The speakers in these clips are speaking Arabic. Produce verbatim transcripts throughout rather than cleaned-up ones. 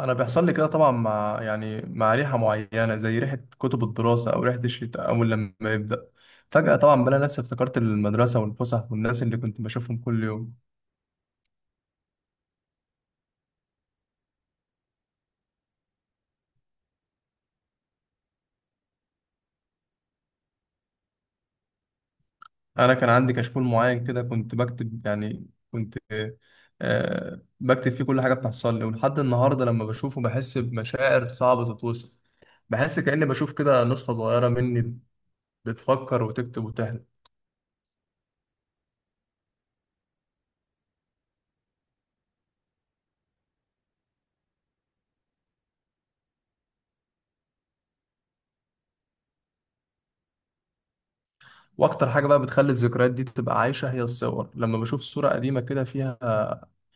انا بيحصل لي كده طبعا مع يعني مع ريحه معينه زي ريحه كتب الدراسه او ريحه الشتاء اول لما يبدا فجاه طبعا بلاقي نفسي افتكرت المدرسه والفسح والناس اللي كنت بشوفهم كل يوم. انا كان عندي كشكول معين كده كنت بكتب يعني كنت آه بكتب فيه كل حاجه بتحصل لي ولحد النهارده لما بشوفه بحس بمشاعر صعبه تتوصف. بحس كاني بشوف كده نسخه صغيره مني بتفكر وتكتب وتحلم. واكتر حاجه بقى بتخلي الذكريات دي تبقى عايشه هي الصور، لما بشوف صوره قديمه كده فيها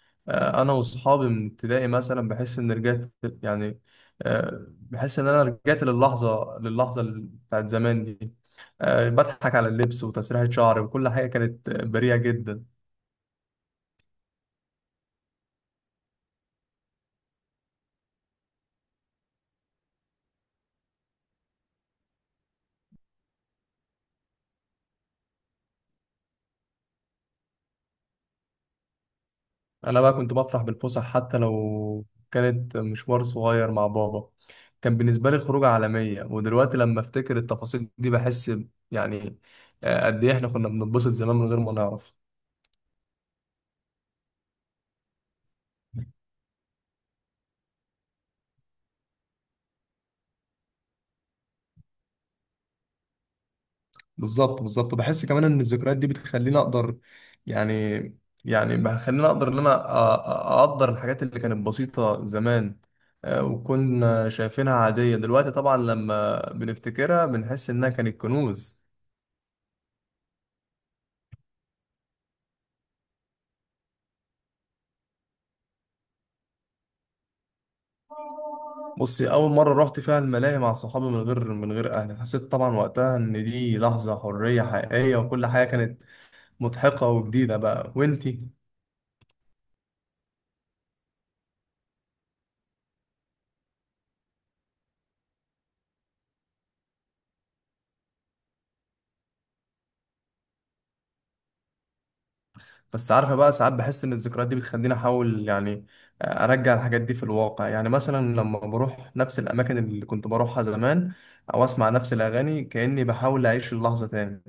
آه، انا واصحابي من ابتدائي مثلا بحس ان رجعت، يعني آه، بحس ان انا رجعت للحظه للحظه ال- بتاعت زمان دي. آه، بضحك على اللبس وتسريحه شعري وكل حاجه كانت بريئه جدا. انا بقى كنت بفرح بالفسح حتى لو كانت مشوار صغير مع بابا، كان بالنسبه لي خروجه عالميه، ودلوقتي لما افتكر التفاصيل دي بحس يعني آه، قد ايه احنا كنا بنتبسط زمان من غير ما نعرف. بالظبط بالظبط، بحس كمان ان الذكريات دي بتخليني اقدر، يعني يعني بخليني اقدر ان انا أ- أ- اقدر الحاجات اللي كانت بسيطة زمان. آه، وكنا شايفينها عادية، دلوقتي طبعا لما بنفتكرها بنحس انها كانت كنوز. بصي، اول مرة رحت فيها الملاهي مع صحابي من غير من غير اهلي حسيت طبعا وقتها ان دي لحظة حرية حقيقية وكل حاجة كانت مضحكة وجديدة بقى. وانتي؟ بس عارفة بقى، ساعات بحس إن الذكريات دي بتخليني أحاول، يعني، أرجع الحاجات دي في الواقع. يعني مثلا لما بروح نفس الأماكن اللي كنت بروحها زمان أو أسمع نفس الأغاني كأني بحاول أعيش اللحظة تاني.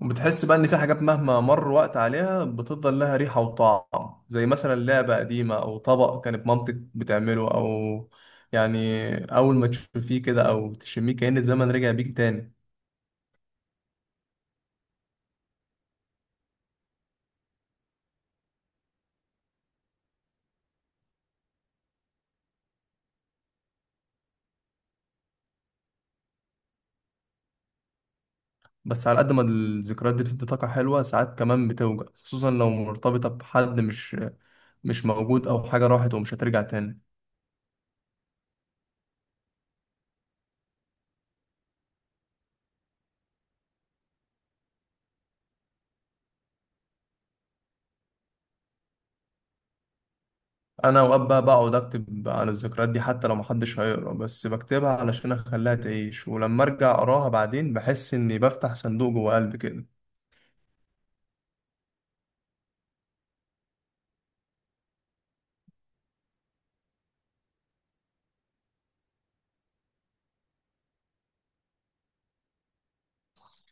وبتحس بقى إن في حاجات مهما مر وقت عليها بتفضل لها ريحة وطعم، زي مثلا لعبة قديمة أو طبق كانت مامتك بتعمله، أو يعني أول ما تشوفيه كده أو تشميه كأن الزمن رجع بيك تاني. بس على قد ما الذكريات دي بتدي طاقة حلوة، ساعات كمان بتوجع، خصوصا لو مرتبطة بحد مش مش موجود أو حاجة راحت ومش هترجع تاني. أنا أوقات بقى بقعد أكتب عن الذكريات دي حتى لو محدش هيقرا، بس بكتبها علشان أخليها تعيش، ولما أرجع أقراها بعدين بحس إني بفتح صندوق جوه قلبي كده.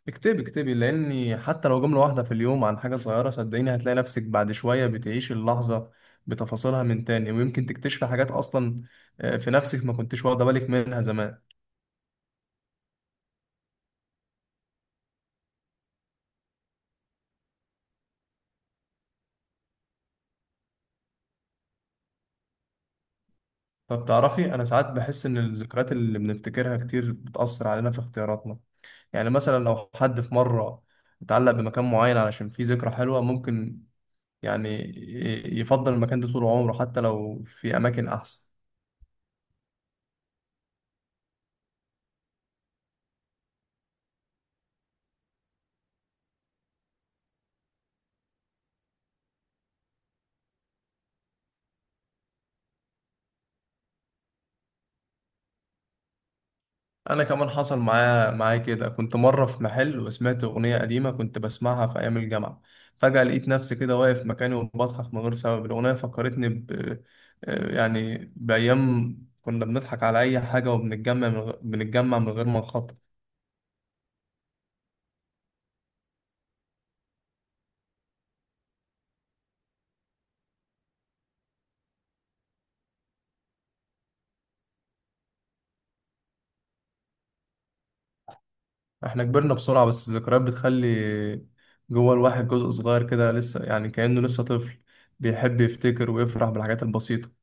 اكتبي اكتبي، لأني حتى لو جملة واحدة في اليوم عن حاجة صغيرة، صدقيني هتلاقي نفسك بعد شوية بتعيشي اللحظة بتفاصيلها من تاني، ويمكن تكتشفي حاجات أصلا آه، في نفسك ما كنتش واخدة بالك منها زمان. طب تعرفي، أنا ساعات بحس إن الذكريات اللي بنفتكرها كتير بتأثر علينا في اختياراتنا. يعني مثلا لو حد في مرة اتعلق بمكان معين علشان فيه ذكرى حلوة، ممكن يعني ي- يفضل المكان ده طول عمره حتى لو في أماكن أحسن. انا كمان حصل معايا معايا كده، كنت مره في محل وسمعت اغنيه قديمه كنت بسمعها في ايام الجامعه، فجاه لقيت نفسي كده واقف مكاني وبضحك من غير سبب. الاغنيه فكرتني ب آه، يعني بايام كنا بنضحك على اي حاجه وبنتجمع من غ... بنتجمع من غير ما نخطط. احنا كبرنا بسرعه، بس الذكريات بتخلي جوه الواحد جزء صغير كده لسه، يعني كأنه لسه طفل بيحب يفتكر ويفرح بالحاجات البسيطه.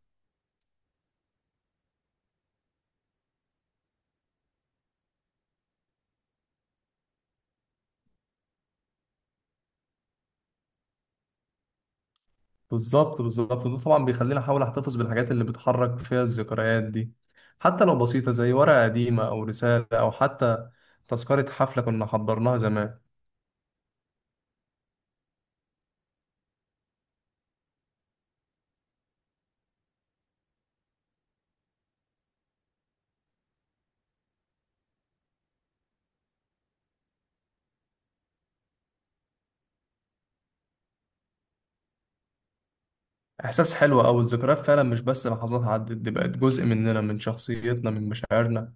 بالظبط بالظبط، ده طبعا بيخليني احاول احتفظ بالحاجات اللي بتحرك فيها الذكريات دي، حتى لو بسيطة زي ورقة قديمة او رسالة او حتى تذكرة حفلة كنا حضرناها زمان. احساس حلو، او الذكريات فعلا مش بس لحظات عدت، دي بقت جزء مننا، من شخصيتنا، من مشاعرنا.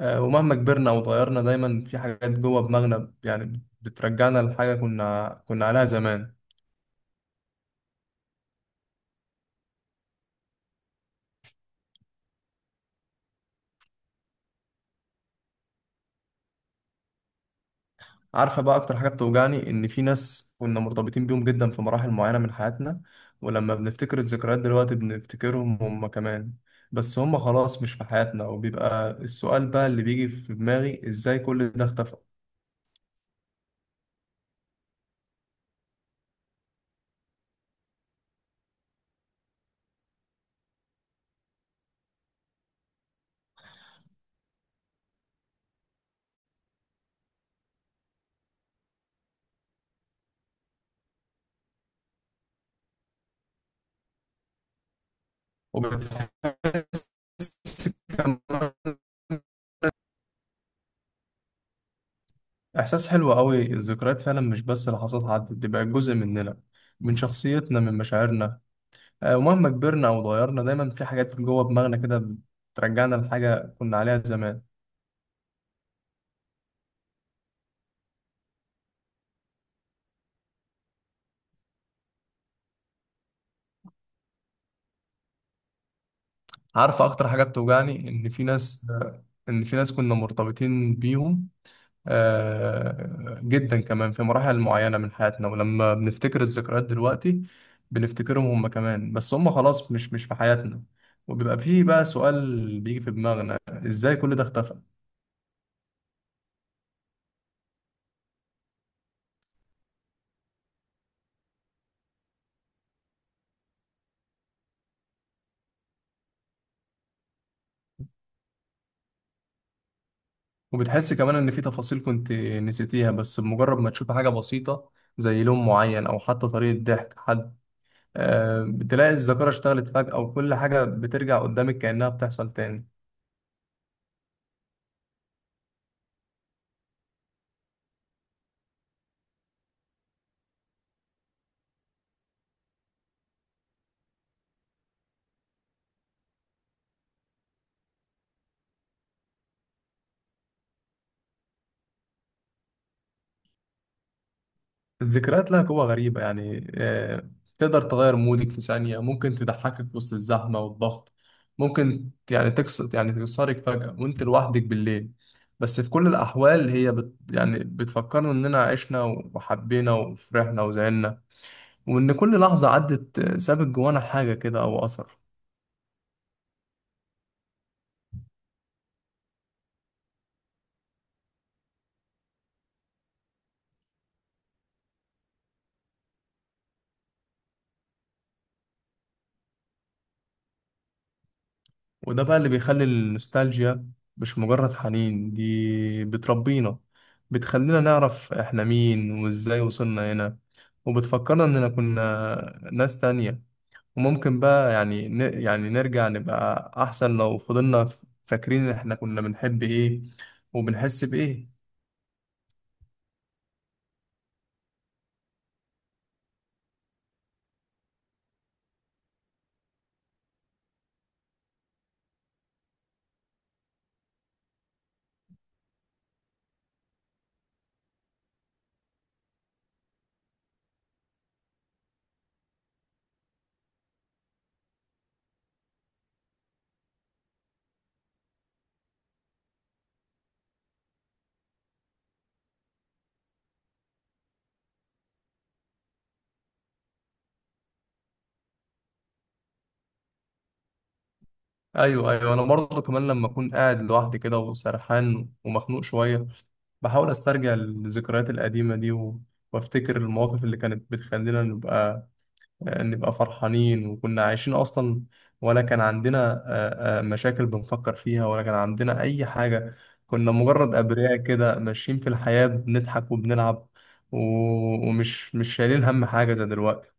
آه، ومهما كبرنا او اتغيرنا دايما في حاجات جوه دماغنا يعني بترجعنا لحاجة كنا كنا عليها زمان. عارفة بقى أكتر حاجة بتوجعني إن في ناس كنا مرتبطين بيهم جدا في مراحل معينة من حياتنا، ولما بنفتكر الذكريات دلوقتي بنفتكرهم هم كمان، بس هم خلاص مش في حياتنا، وبيبقى السؤال بقى اللي بيجي في دماغي: إزاي كل ده اختفى؟ وبتحس كمان إحساس حلو قوي، الذكريات فعلا مش بس لحظات عدت، دي بقت جزء مننا، من شخصيتنا، من مشاعرنا. آه، ومهما كبرنا أو اتغيرنا دايما في حاجات جوه دماغنا كده بترجعنا لحاجة كنا عليها زمان. عارف اكتر حاجه بتوجعني ان في ناس، ان في ناس كنا مرتبطين بيهم آه، جدا، كمان في مراحل معينه من حياتنا، ولما بنفتكر الذكريات دلوقتي بنفتكرهم هم كمان، بس هم خلاص مش مش في حياتنا، وبيبقى فيه بقى سؤال بيجي في دماغنا: ازاي كل ده اختفى؟ وبتحس كمان ان في تفاصيل كنت نسيتيها، بس بمجرد ما تشوف حاجه بسيطه زي لون معين او حتى طريقه ضحك حد آه، بتلاقي الذاكره اشتغلت فجاه وكل حاجه بترجع قدامك كانها بتحصل تاني. الذكريات لها قوة غريبة، يعني آه، تقدر تغير مودك في ثانية، ممكن تضحكك وسط الزحمة والضغط، ممكن يعني تكسر يعني تكسرك فجأة وانت لوحدك بالليل. بس في كل الأحوال هي بت يعني بتفكرنا إننا عشنا وحبينا وفرحنا وزعلنا، وإن كل لحظة عدت آه، سابت جوانا حاجة كده أو أثر. وده بقى اللي بيخلي النوستالجيا مش مجرد حنين، دي بتربينا، بتخلينا نعرف احنا مين وازاي وصلنا هنا، وبتفكرنا اننا كنا ناس تانية، وممكن بقى يعني ن... يعني نرجع نبقى احسن لو فضلنا ف- فاكرين احنا كنا بنحب ايه وبنحس بايه. ايوه ايوه، انا برضه كمان لما اكون قاعد لوحدي كده وسرحان ومخنوق شوية بحاول استرجع الذكريات القديمة دي و... وافتكر المواقف اللي كانت بتخلينا نبقى نبقى فرحانين، وكنا عايشين أصلا، ولا كان عندنا آه، آه، مشاكل بنفكر فيها، ولا كان عندنا أي حاجة، كنا مجرد أبرياء كده ماشيين في الحياة بنضحك وبنلعب و- ومش مش شايلين هم حاجة زي دلوقتي.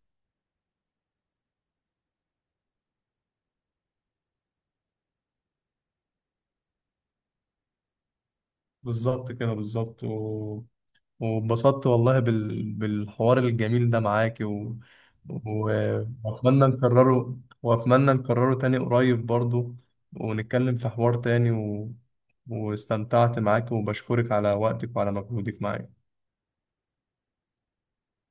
بالظبط كده بالظبط، و... واتبسطت والله بال... بالحوار الجميل ده معاك، و... و... وأتمنى نكرره وأتمنى نكرره تاني قريب برضو، ونتكلم في حوار تاني، و... واستمتعت معاك وبشكرك على وقتك وعلى مجهودك معايا.